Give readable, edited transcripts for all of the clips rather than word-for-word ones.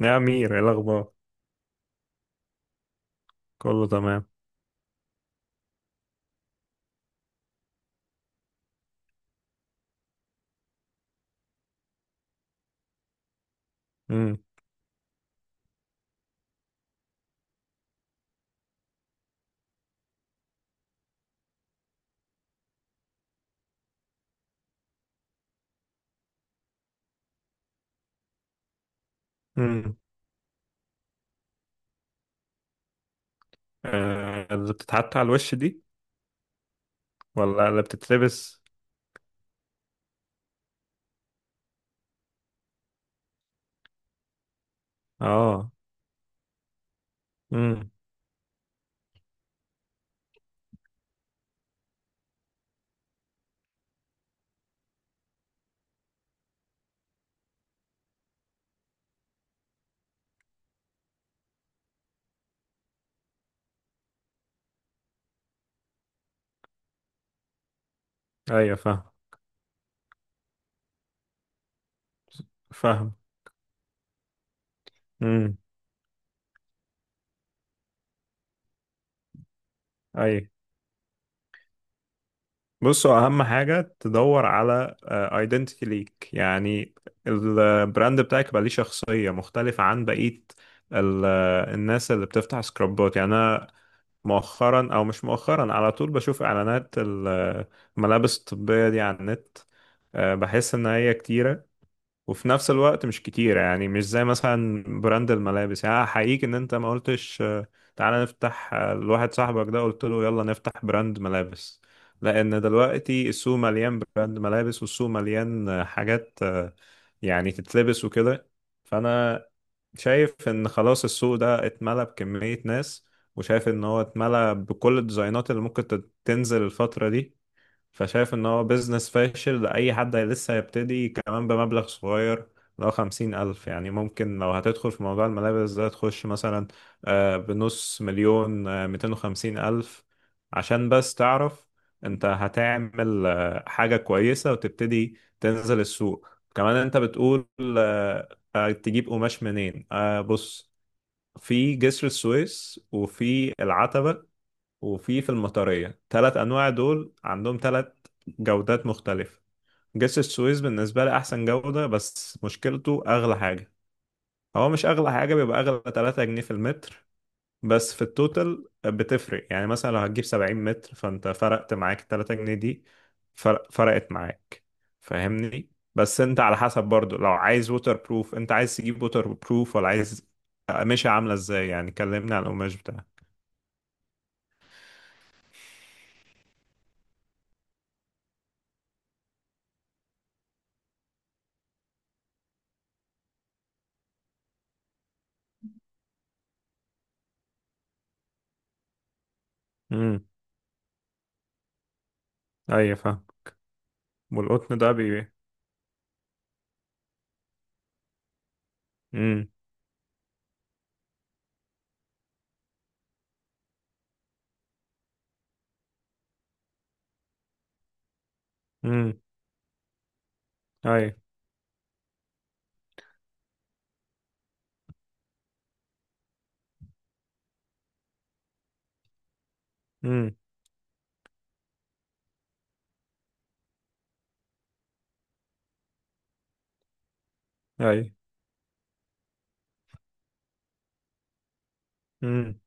يا أمير، إيه الأخبار؟ كله تمام. امم. امم. آه، اللي بتتحط على الوش دي؟ ولا اللي بتتلبس؟ اه. امم. أيوة، فاهم فاهم. امم. أيوة. بصوا، أهم حاجة تدور على ايدنتيتي ليك يعني. البراند بتاعك يبقى ليه شخصية مختلفة عن بقية ال- الناس اللي بتفتح سكرابات. يعني أنا مؤخرا، أو مش مؤخرا، على طول بشوف إعلانات الملابس الطبية دي على النت. بحس ان هي كتيرة، وفي نفس الوقت مش كتيرة. يعني مش زي مثلا براند الملابس. يعني احييك ان انت ما قلتش تعالى نفتح، لواحد صاحبك ده قلت له يلا نفتح براند ملابس، لان دلوقتي السوق مليان براند ملابس، والسوق مليان حاجات يعني تتلبس وكده. فانا شايف ان خلاص السوق ده اتملى بكمية ناس، وشايف ان هو اتملى بكل الديزاينات اللي ممكن تنزل الفترة دي. فشايف ان هو بيزنس فاشل لأي حد لسه هيبتدي، كمان بمبلغ صغير. لو 50,000 يعني، ممكن لو هتدخل في موضوع الملابس ده تخش مثلا بنص مليون، 250,000، عشان بس تعرف انت هتعمل حاجة كويسة وتبتدي تنزل السوق. كمان انت بتقول آه، تجيب قماش منين. بص، في جسر السويس، وفي العتبة، وفي المطرية. تلات أنواع، دول عندهم تلات جودات مختلفة. جسر السويس بالنسبة لي أحسن جودة، بس مشكلته أغلى حاجة. هو مش أغلى حاجة، بيبقى أغلى تلاتة جنيه في المتر، بس في التوتال بتفرق. يعني مثلا لو هتجيب 70 متر، فأنت فرقت معاك التلاتة جنيه دي، فرقت معاك. فاهمني؟ بس أنت على حسب برضو، لو عايز ووتر بروف، أنت عايز تجيب ووتر بروف ولا عايز قماشة عاملة إزاي؟ يعني كلمني عن القماش بتاعها. امم. أيوة، فاهم. والقطن ده. امم. امم. اي. امم. اي. امم.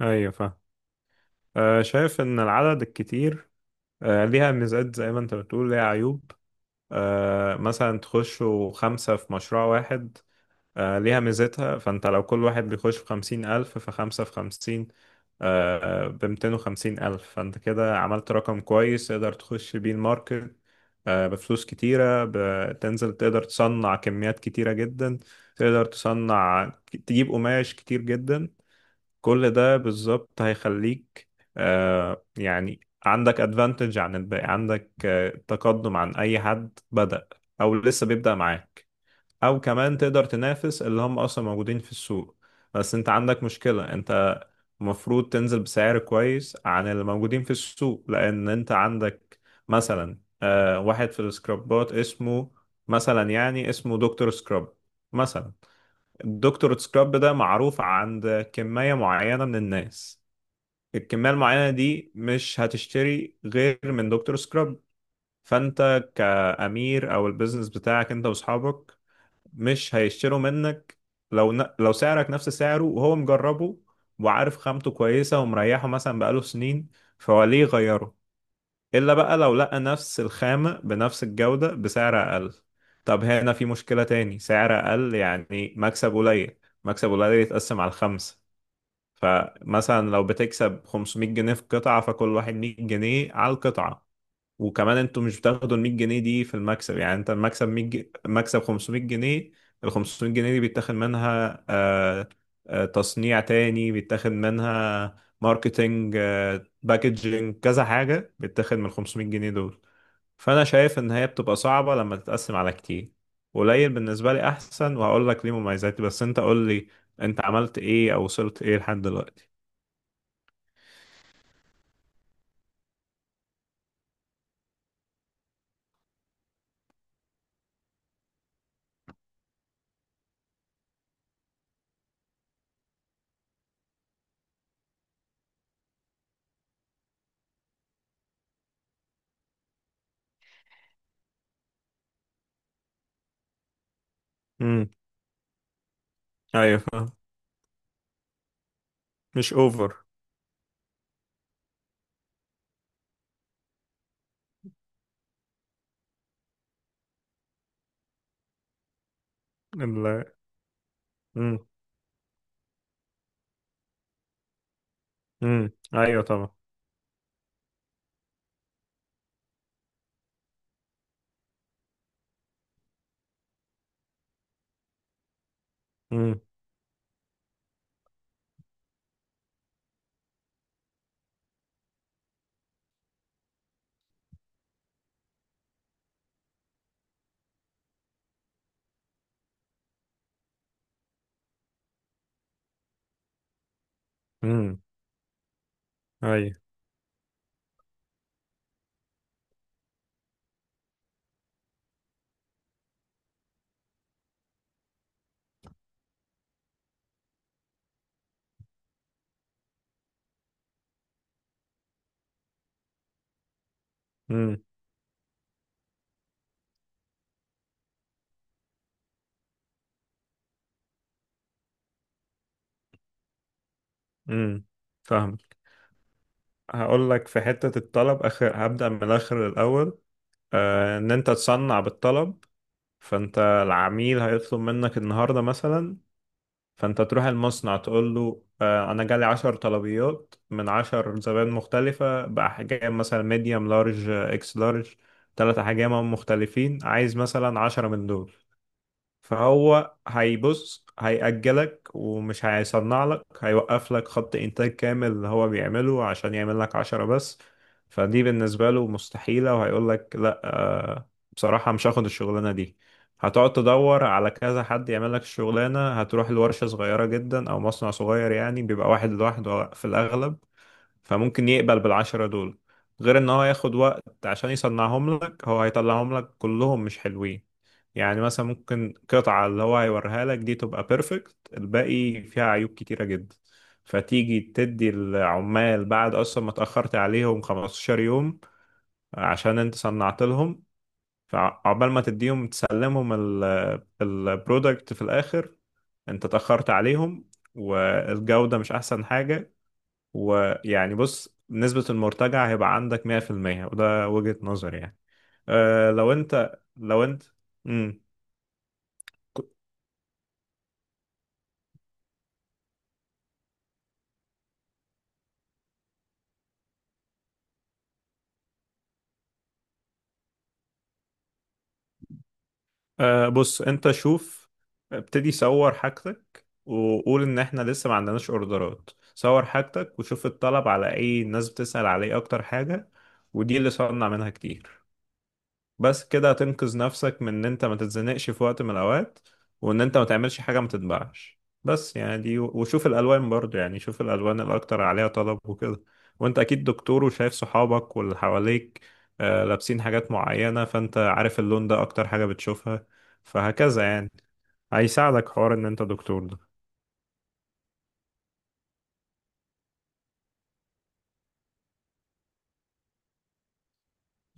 ايوه، فاهم. آه، شايف ان العدد الكتير ليها ميزات، زي ما انت بتقول ليها عيوب. مثلا تخشوا خمسة في مشروع واحد، ليها ميزتها. فانت لو كل واحد بيخش بخمسين ألف، فخمسة في خمسين ب250,000، فانت كده عملت رقم كويس تقدر تخش بيه الماركت بفلوس كتيرة. بتنزل تقدر تصنع كميات كتيرة جدا، تقدر تصنع، تجيب قماش كتير جدا. كل ده بالظبط هيخليك يعني عندك ادفانتج عن الباقي، عندك تقدم عن أي حد بدأ أو لسه بيبدأ معاك. او كمان تقدر تنافس اللي هم اصلا موجودين في السوق. بس انت عندك مشكلة، انت المفروض تنزل بسعر كويس عن اللي موجودين في السوق، لان انت عندك مثلا واحد في السكرابات اسمه مثلا، يعني اسمه دكتور سكراب مثلا. الدكتور سكراب ده معروف عند كمية معينة من الناس. الكمية المعينة دي مش هتشتري غير من دكتور سكراب. فانت كأمير، او البيزنس بتاعك انت واصحابك، مش هيشتروا منك. لو سعرك نفس سعره، وهو مجربه وعارف خامته كويسة ومريحه مثلا بقاله سنين، فهو ليه يغيره؟ إلا بقى لو لقى نفس الخامة بنفس الجودة بسعر أقل. طب هنا في مشكلة تاني، سعر أقل يعني مكسب قليل، مكسب قليل يتقسم على الخمسة. فمثلا لو بتكسب 500 جنيه في قطعة، فكل واحد 100 جنيه على القطعة. وكمان انتوا مش بتاخدوا ال 100 جنيه دي في المكسب، يعني انت المكسب 100 جنيه، مكسب 500 جنيه. ال 500 جنيه دي بيتاخد منها تصنيع، تاني بيتاخد منها ماركتينج، باكجينج، كذا حاجة بيتاخد من ال 500 جنيه دول. فأنا شايف إن هي بتبقى صعبة لما تتقسم على كتير. قليل بالنسبة لي أحسن، وهقول لك ليه مميزاتي. بس أنت قول لي، أنت عملت إيه أو وصلت إيه لحد دلوقتي؟ امم. أيوه، فاهم. مش أوفر. ال امم. امم. أيوه، طبعا. امم. امم. ايوه. امم. امم. فاهم. هقول لك في حتة الطلب اخر، هبدأ من الاخر الاول. آه، ان انت تصنع بالطلب. فانت العميل هيطلب منك النهاردة مثلا، فانت تروح المصنع تقول له آه، انا جالي عشر طلبيات من عشر زبائن مختلفة، بأحجام مثلا ميديوم لارج اكس لارج، تلات احجام مختلفين، عايز مثلا عشرة من دول. فهو هيبص هيأجلك، ومش هيصنع لك، هيوقف لك خط إنتاج كامل اللي هو بيعمله عشان يعمل لك عشرة بس. فدي بالنسبة له مستحيلة، وهيقول لك لا بصراحة مش هاخد الشغلانة دي. هتقعد تدور على كذا حد يعمل لك الشغلانة، هتروح لورشة صغيرة جدا أو مصنع صغير، يعني بيبقى واحد لوحده في الأغلب. فممكن يقبل بالعشرة دول، غير ان هو ياخد وقت عشان يصنعهم لك. هو هيطلعهم لك كلهم مش حلوين، يعني مثلا ممكن قطعة اللي هو هيوريها لك دي تبقى بيرفكت، الباقي فيها عيوب كتيرة جدا. فتيجي تدي العمال بعد اصلا ما اتأخرت عليهم 15 يوم عشان انت صنعت لهم. فعقبال ما تديهم تسلمهم البرودكت في الاخر، انت اتأخرت عليهم، والجودة مش احسن حاجة. ويعني بص، نسبة المرتجع هيبقى عندك 100%، وده وجهة نظري يعني. أه لو انت لو انت مم. ك- أه بص انت شوف، ابتدي صور حاجتك، وقول ان احنا لسه ما عندناش اوردرات. صور حاجتك وشوف الطلب، على اي الناس بتسأل عليه اكتر حاجة، ودي اللي صنع منها كتير. بس كده هتنقذ نفسك من ان انت ما تتزنقش في وقت من الاوقات، وان انت ما تعملش حاجة ما تتباعش. بس يعني دي. وشوف الالوان برضو، يعني شوف الالوان الاكتر عليها طلب وكده. وانت اكيد دكتور، وشايف صحابك واللي حواليك لابسين حاجات معينة. فانت عارف اللون ده اكتر حاجة بتشوفها، فهكذا يعني، هيساعدك حوار ان انت دكتور ده.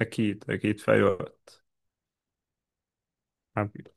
اكيد اكيد، في اي وقت. حبيبي.